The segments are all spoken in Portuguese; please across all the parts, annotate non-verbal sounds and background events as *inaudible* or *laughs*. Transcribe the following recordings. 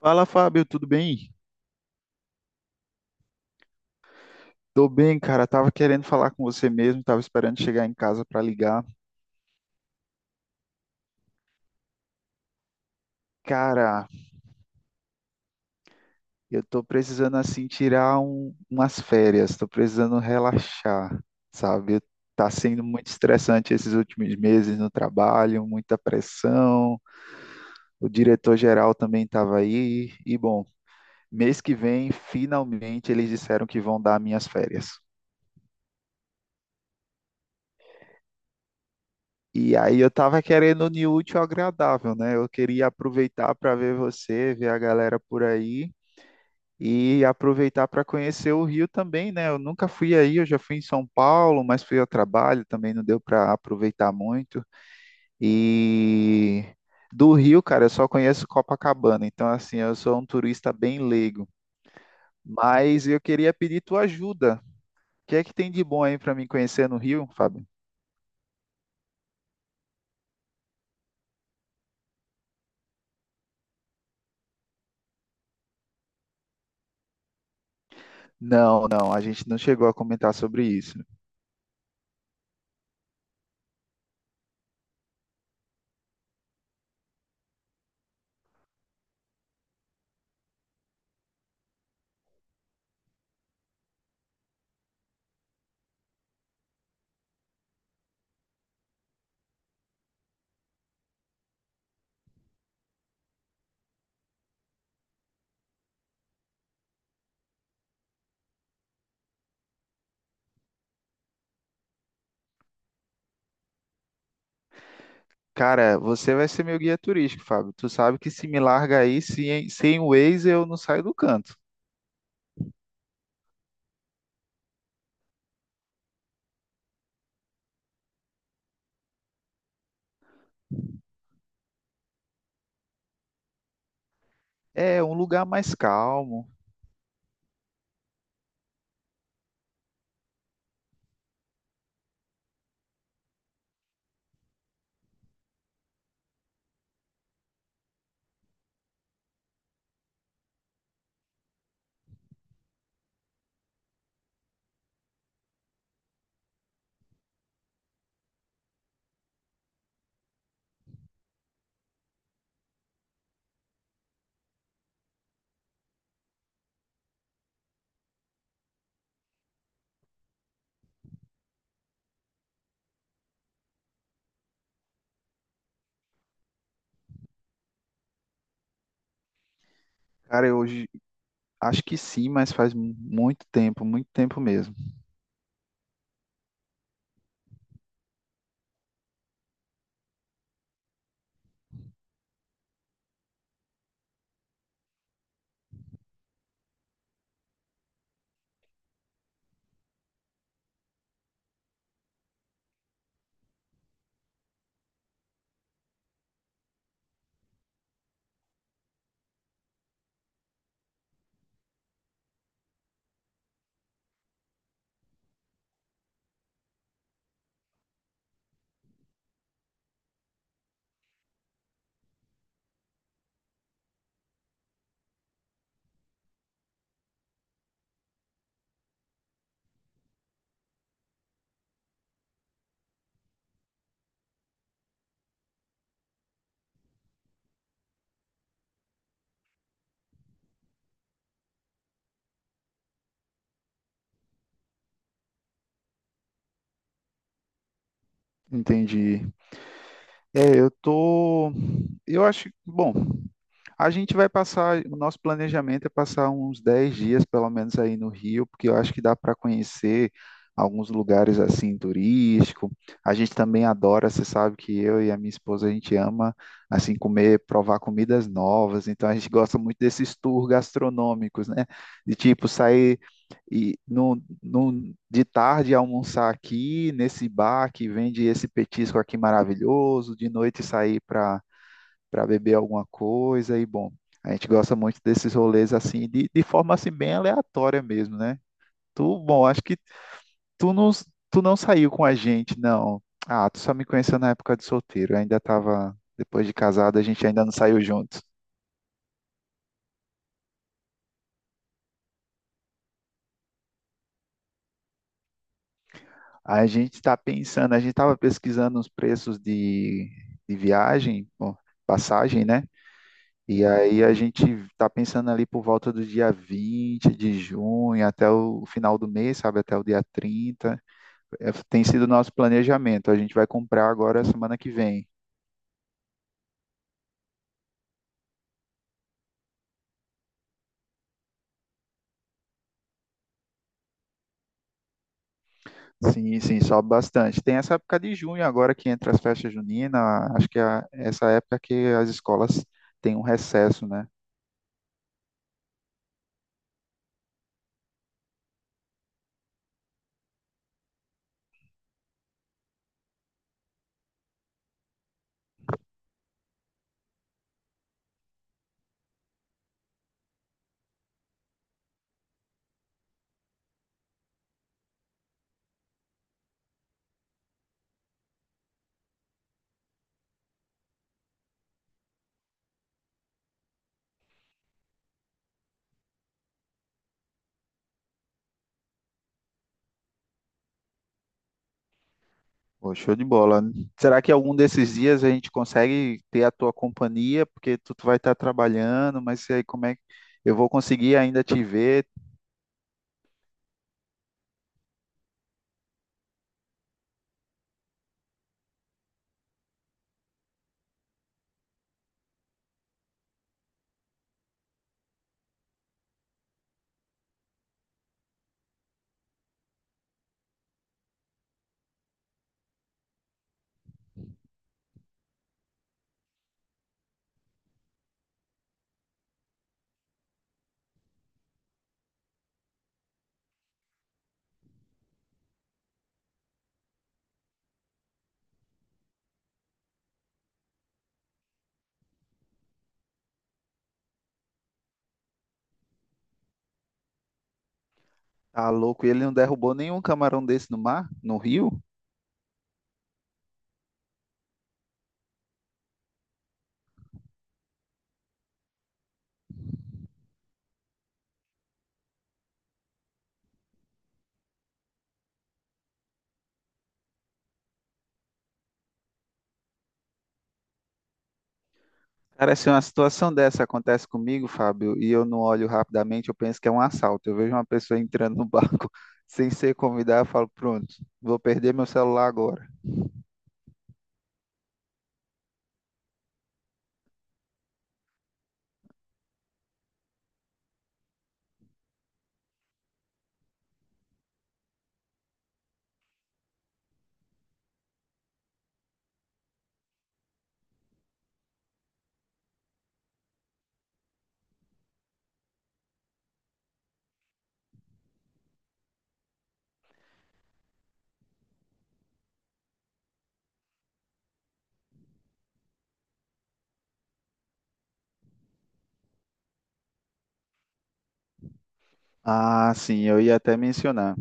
Fala, Fábio, tudo bem? Tô bem, cara. Tava querendo falar com você mesmo, tava esperando chegar em casa pra ligar. Cara, eu tô precisando assim tirar umas férias, tô precisando relaxar, sabe? Tá sendo muito estressante esses últimos meses no trabalho, muita pressão. O diretor geral também tava aí e bom, mês que vem, finalmente eles disseram que vão dar minhas férias. E aí eu tava querendo unir o útil ao agradável, né? Eu queria aproveitar para ver você, ver a galera por aí e aproveitar para conhecer o Rio também, né? Eu nunca fui aí, eu já fui em São Paulo, mas fui ao trabalho, também não deu para aproveitar muito. E do Rio, cara, eu só conheço Copacabana, então assim, eu sou um turista bem leigo. Mas eu queria pedir tua ajuda. O que é que tem de bom aí para mim conhecer no Rio, Fábio? Não, não, a gente não chegou a comentar sobre isso. Cara, você vai ser meu guia turístico, Fábio. Tu sabe que se me larga aí, sem o Waze eu não saio do canto. É um lugar mais calmo. Cara, eu hoje acho que sim, mas faz muito tempo mesmo. Entendi. É, eu tô. Eu acho. Bom. A gente vai passar, o nosso planejamento é passar uns 10 dias, pelo menos, aí no Rio, porque eu acho que dá para conhecer alguns lugares assim turístico. A gente também adora, você sabe que eu e a minha esposa a gente ama assim comer, provar comidas novas. Então a gente gosta muito desses tours gastronômicos, né? De tipo sair e no, no, de tarde almoçar aqui nesse bar que vende esse petisco aqui maravilhoso, de noite sair para beber alguma coisa e bom, a gente gosta muito desses rolês assim, de forma assim bem aleatória mesmo, né? Tu, bom, acho que tu não, tu não saiu com a gente, não. Ah, tu só me conheceu na época de solteiro, eu ainda tava, depois de casado, a gente ainda não saiu juntos. A gente tá pensando, a gente tava pesquisando os preços de viagem, bom, passagem, né? E aí a gente tá pensando ali por volta do dia 20 de junho até o final do mês, sabe? Até o dia 30. É, tem sido o nosso planejamento. A gente vai comprar agora semana que vem. Sim, sim, sobe bastante. Tem essa época de junho agora que entra as festas juninas. Acho que é essa época que as escolas têm um recesso, né? Pô, show de bola. Será que algum desses dias a gente consegue ter a tua companhia? Porque tu vai estar trabalhando, mas e aí como é que eu vou conseguir ainda te ver? Tá louco? E ele não derrubou nenhum camarão desse no mar, no rio? Cara, se uma situação dessa acontece comigo, Fábio, e eu não olho rapidamente, eu penso que é um assalto. Eu vejo uma pessoa entrando no banco *laughs* sem ser convidada, eu falo, pronto, vou perder meu celular agora. Ah, sim, eu ia até mencionar.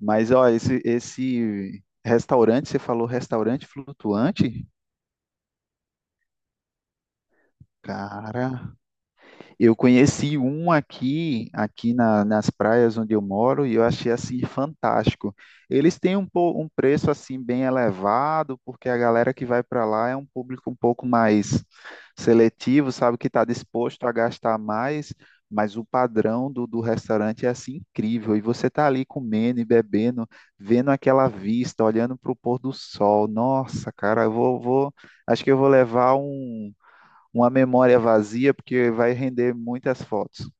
Mas, ó, esse restaurante, você falou restaurante flutuante? Cara. Eu conheci um aqui, nas praias onde eu moro, e eu achei assim fantástico. Eles têm um, um preço assim bem elevado, porque a galera que vai para lá é um público um pouco mais seletivo, sabe, que está disposto a gastar mais, mas o padrão do restaurante é assim incrível. E você está ali comendo e bebendo, vendo aquela vista, olhando para o pôr do sol. Nossa, cara, acho que eu vou levar uma memória vazia, porque vai render muitas fotos.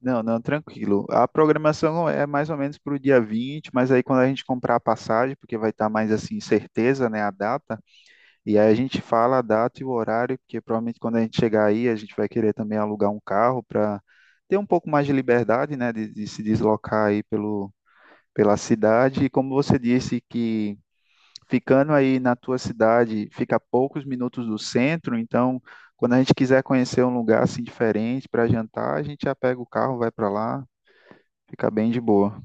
Não, não, tranquilo. A programação é mais ou menos para o dia 20, mas aí quando a gente comprar a passagem, porque vai estar mais assim, certeza, né, a data, e aí a gente fala a data e o horário, porque provavelmente quando a gente chegar aí, a gente vai querer também alugar um carro para ter um pouco mais de liberdade, né, de se deslocar aí pelo, pela cidade. E como você disse que ficando aí na tua cidade, fica a poucos minutos do centro, então quando a gente quiser conhecer um lugar assim diferente para jantar, a gente já pega o carro, vai para lá, fica bem de boa.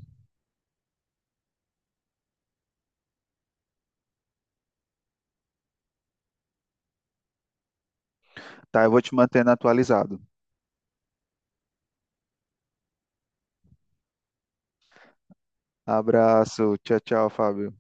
Tá, eu vou te mantendo atualizado. Abraço, tchau, tchau, Fábio.